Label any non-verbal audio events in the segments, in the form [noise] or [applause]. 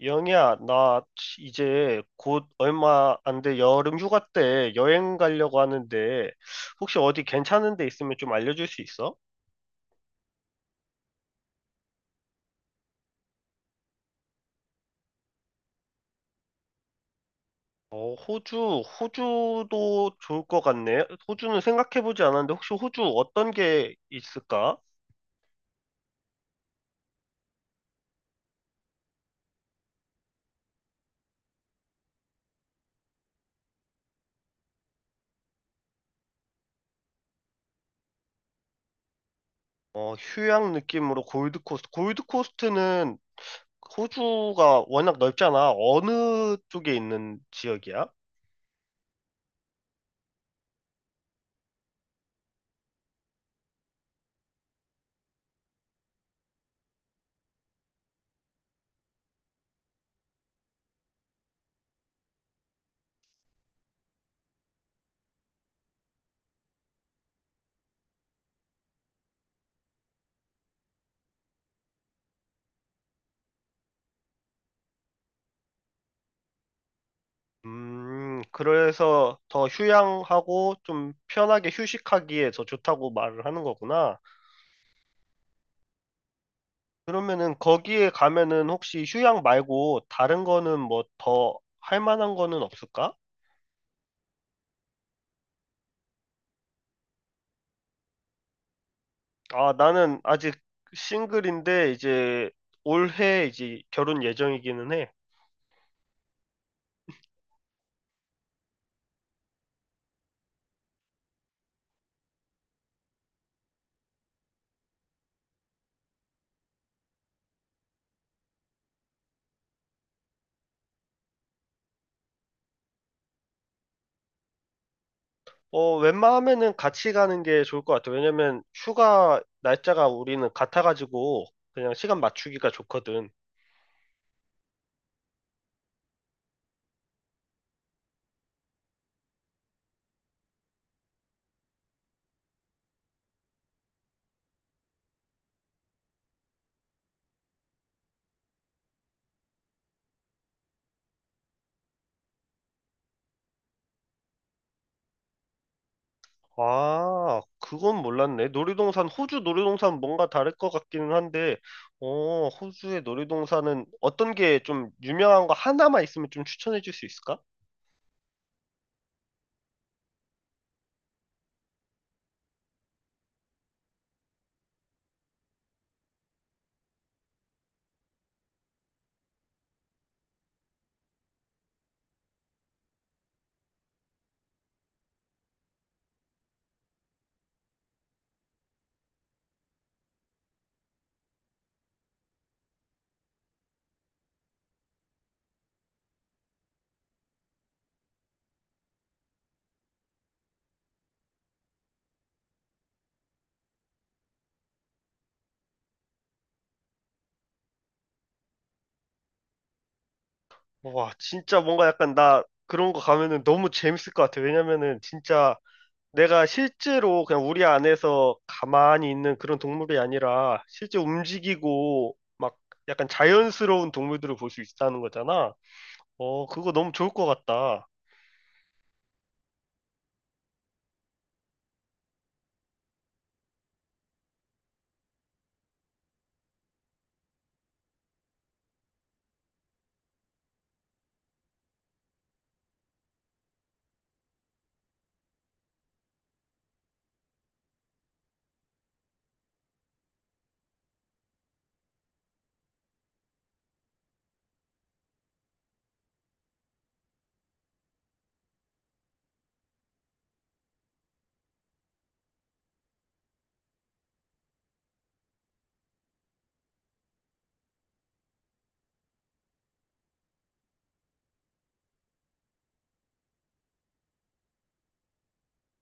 영희야, 나 이제 곧 얼마 안 돼 여름 휴가 때 여행 가려고 하는데 혹시 어디 괜찮은 데 있으면 좀 알려줄 수 있어? 호주, 호주도 좋을 것 같네. 호주는 생각해보지 않았는데 혹시 호주 어떤 게 있을까? 휴양 느낌으로 골드코스트. 골드코스트는 호주가 워낙 넓잖아. 어느 쪽에 있는 지역이야? 그래서 더 휴양하고 좀 편하게 휴식하기에 더 좋다고 말을 하는 거구나. 그러면은 거기에 가면은 혹시 휴양 말고 다른 거는 뭐 더 할 만한 거는 없을까? 아, 나는 아직 싱글인데 이제 올해 이제 결혼 예정이기는 해. 웬만하면은 같이 가는 게 좋을 것 같아. 왜냐면 휴가 날짜가 우리는 같아가지고 그냥 시간 맞추기가 좋거든. 아, 그건 몰랐네. 놀이동산, 호주 놀이동산 뭔가 다를 것 같기는 한데, 호주의 놀이동산은 어떤 게 좀 유명한 거 하나만 있으면 좀 추천해 줄 수 있을까? 와, 진짜 뭔가 약간 나 그런 거 가면은 너무 재밌을 것 같아. 왜냐면은 진짜 내가 실제로 그냥 우리 안에서 가만히 있는 그런 동물이 아니라 실제 움직이고 막 약간 자연스러운 동물들을 볼 수 있다는 거잖아. 그거 너무 좋을 것 같다.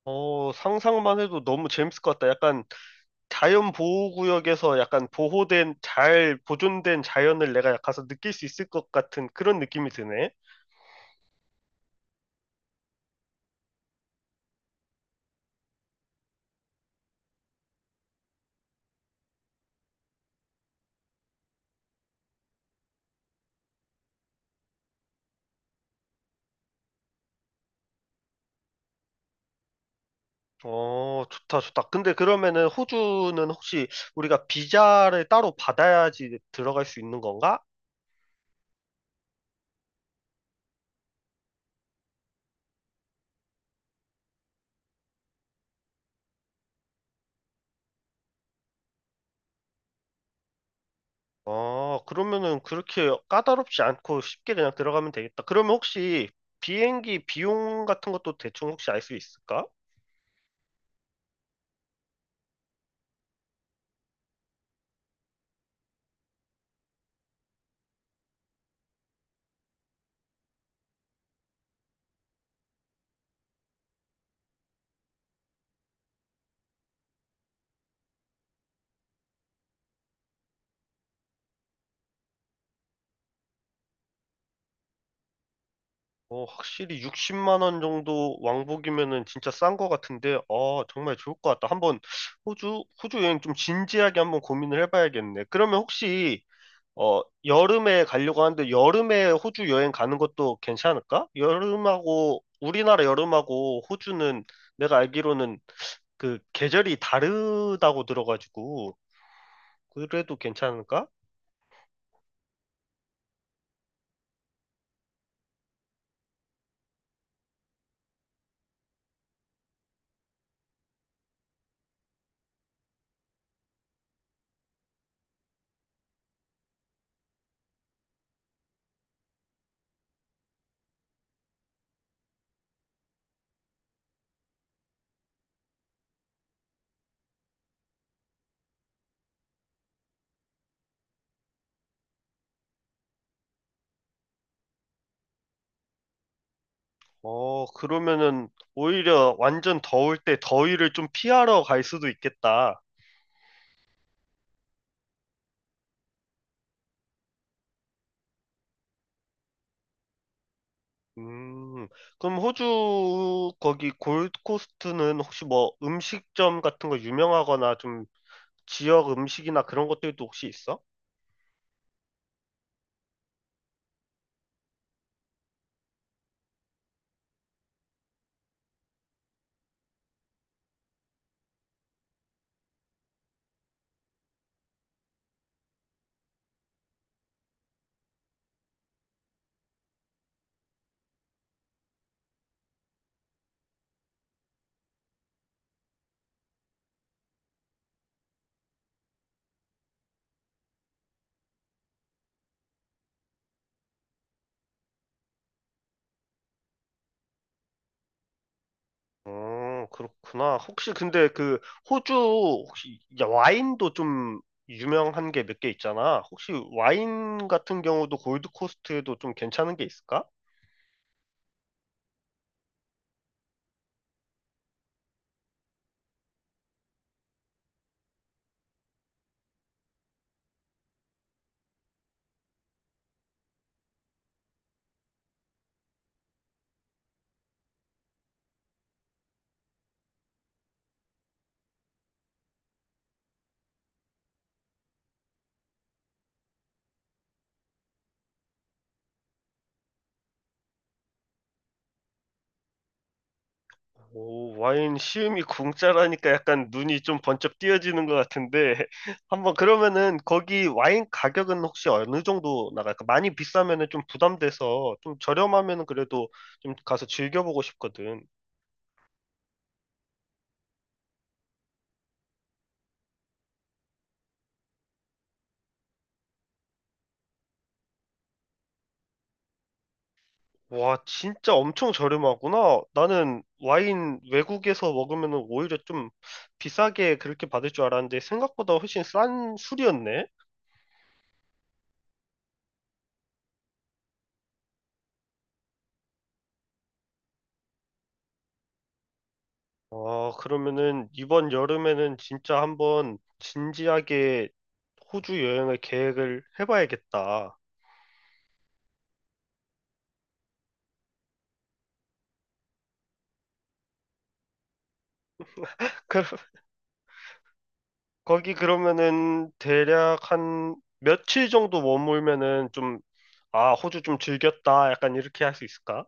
상상만 해도 너무 재밌을 것 같다. 약간 자연 보호구역에서 약간 보호된, 잘 보존된 자연을 내가 가서 느낄 수 있을 것 같은 그런 느낌이 드네. 좋다, 좋다. 근데 그러면은 호주는 혹시 우리가 비자를 따로 받아야지 들어갈 수 있는 건가? 그러면은 그렇게 까다롭지 않고 쉽게 그냥 들어가면 되겠다. 그러면 혹시 비행기 비용 같은 것도 대충 혹시 알 수 있을까? 확실히 60만 원 정도 왕복이면은 진짜 싼 거 같은데, 아, 정말 좋을 것 같다. 한번 호주 여행 좀 진지하게 한번 고민을 해봐야겠네. 그러면 혹시, 여름에 가려고 하는데, 여름에 호주 여행 가는 것도 괜찮을까? 여름하고, 우리나라 여름하고 호주는 내가 알기로는 그 계절이 다르다고 들어가지고, 그래도 괜찮을까? 그러면은 오히려 완전 더울 때 더위를 좀 피하러 갈 수도 있겠다. 음, 그럼 호주 거기 골드코스트는 혹시 뭐 음식점 같은 거 유명하거나 좀 지역 음식이나 그런 것들도 혹시 있어? 어, 그렇구나. 혹시 근데 그 호주 혹시 야, 와인도 좀 유명한 게 몇 개 있잖아. 혹시 와인 같은 경우도 골드코스트에도 좀 괜찮은 게 있을까? 오, 와인 시음이 공짜라니까 약간 눈이 좀 번쩍 띄어지는 것 같은데 [laughs] 한번 그러면은 거기 와인 가격은 혹시 어느 정도 나갈까? 많이 비싸면은 좀 부담돼서 좀 저렴하면은 그래도 좀 가서 즐겨보고 싶거든. 와, 진짜 엄청 저렴하구나. 나는 와인 외국에서 먹으면은 오히려 좀 비싸게 그렇게 받을 줄 알았는데 생각보다 훨씬 싼 술이었네. 아, 그러면은 이번 여름에는 진짜 한번 진지하게 호주 여행을 계획을 해봐야겠다. [laughs] 그, 거기 그러면은 대략 한 며칠 정도 머물면은 좀, 아, 호주 좀 즐겼다. 약간 이렇게 할 수 있을까?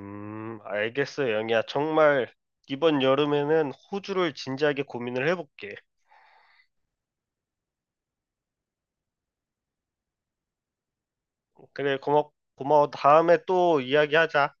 알겠어, 영희야. 정말 이번 여름에는 호주를 진지하게 고민을 해볼게. 그래, 고마워. 다음에 또 이야기하자.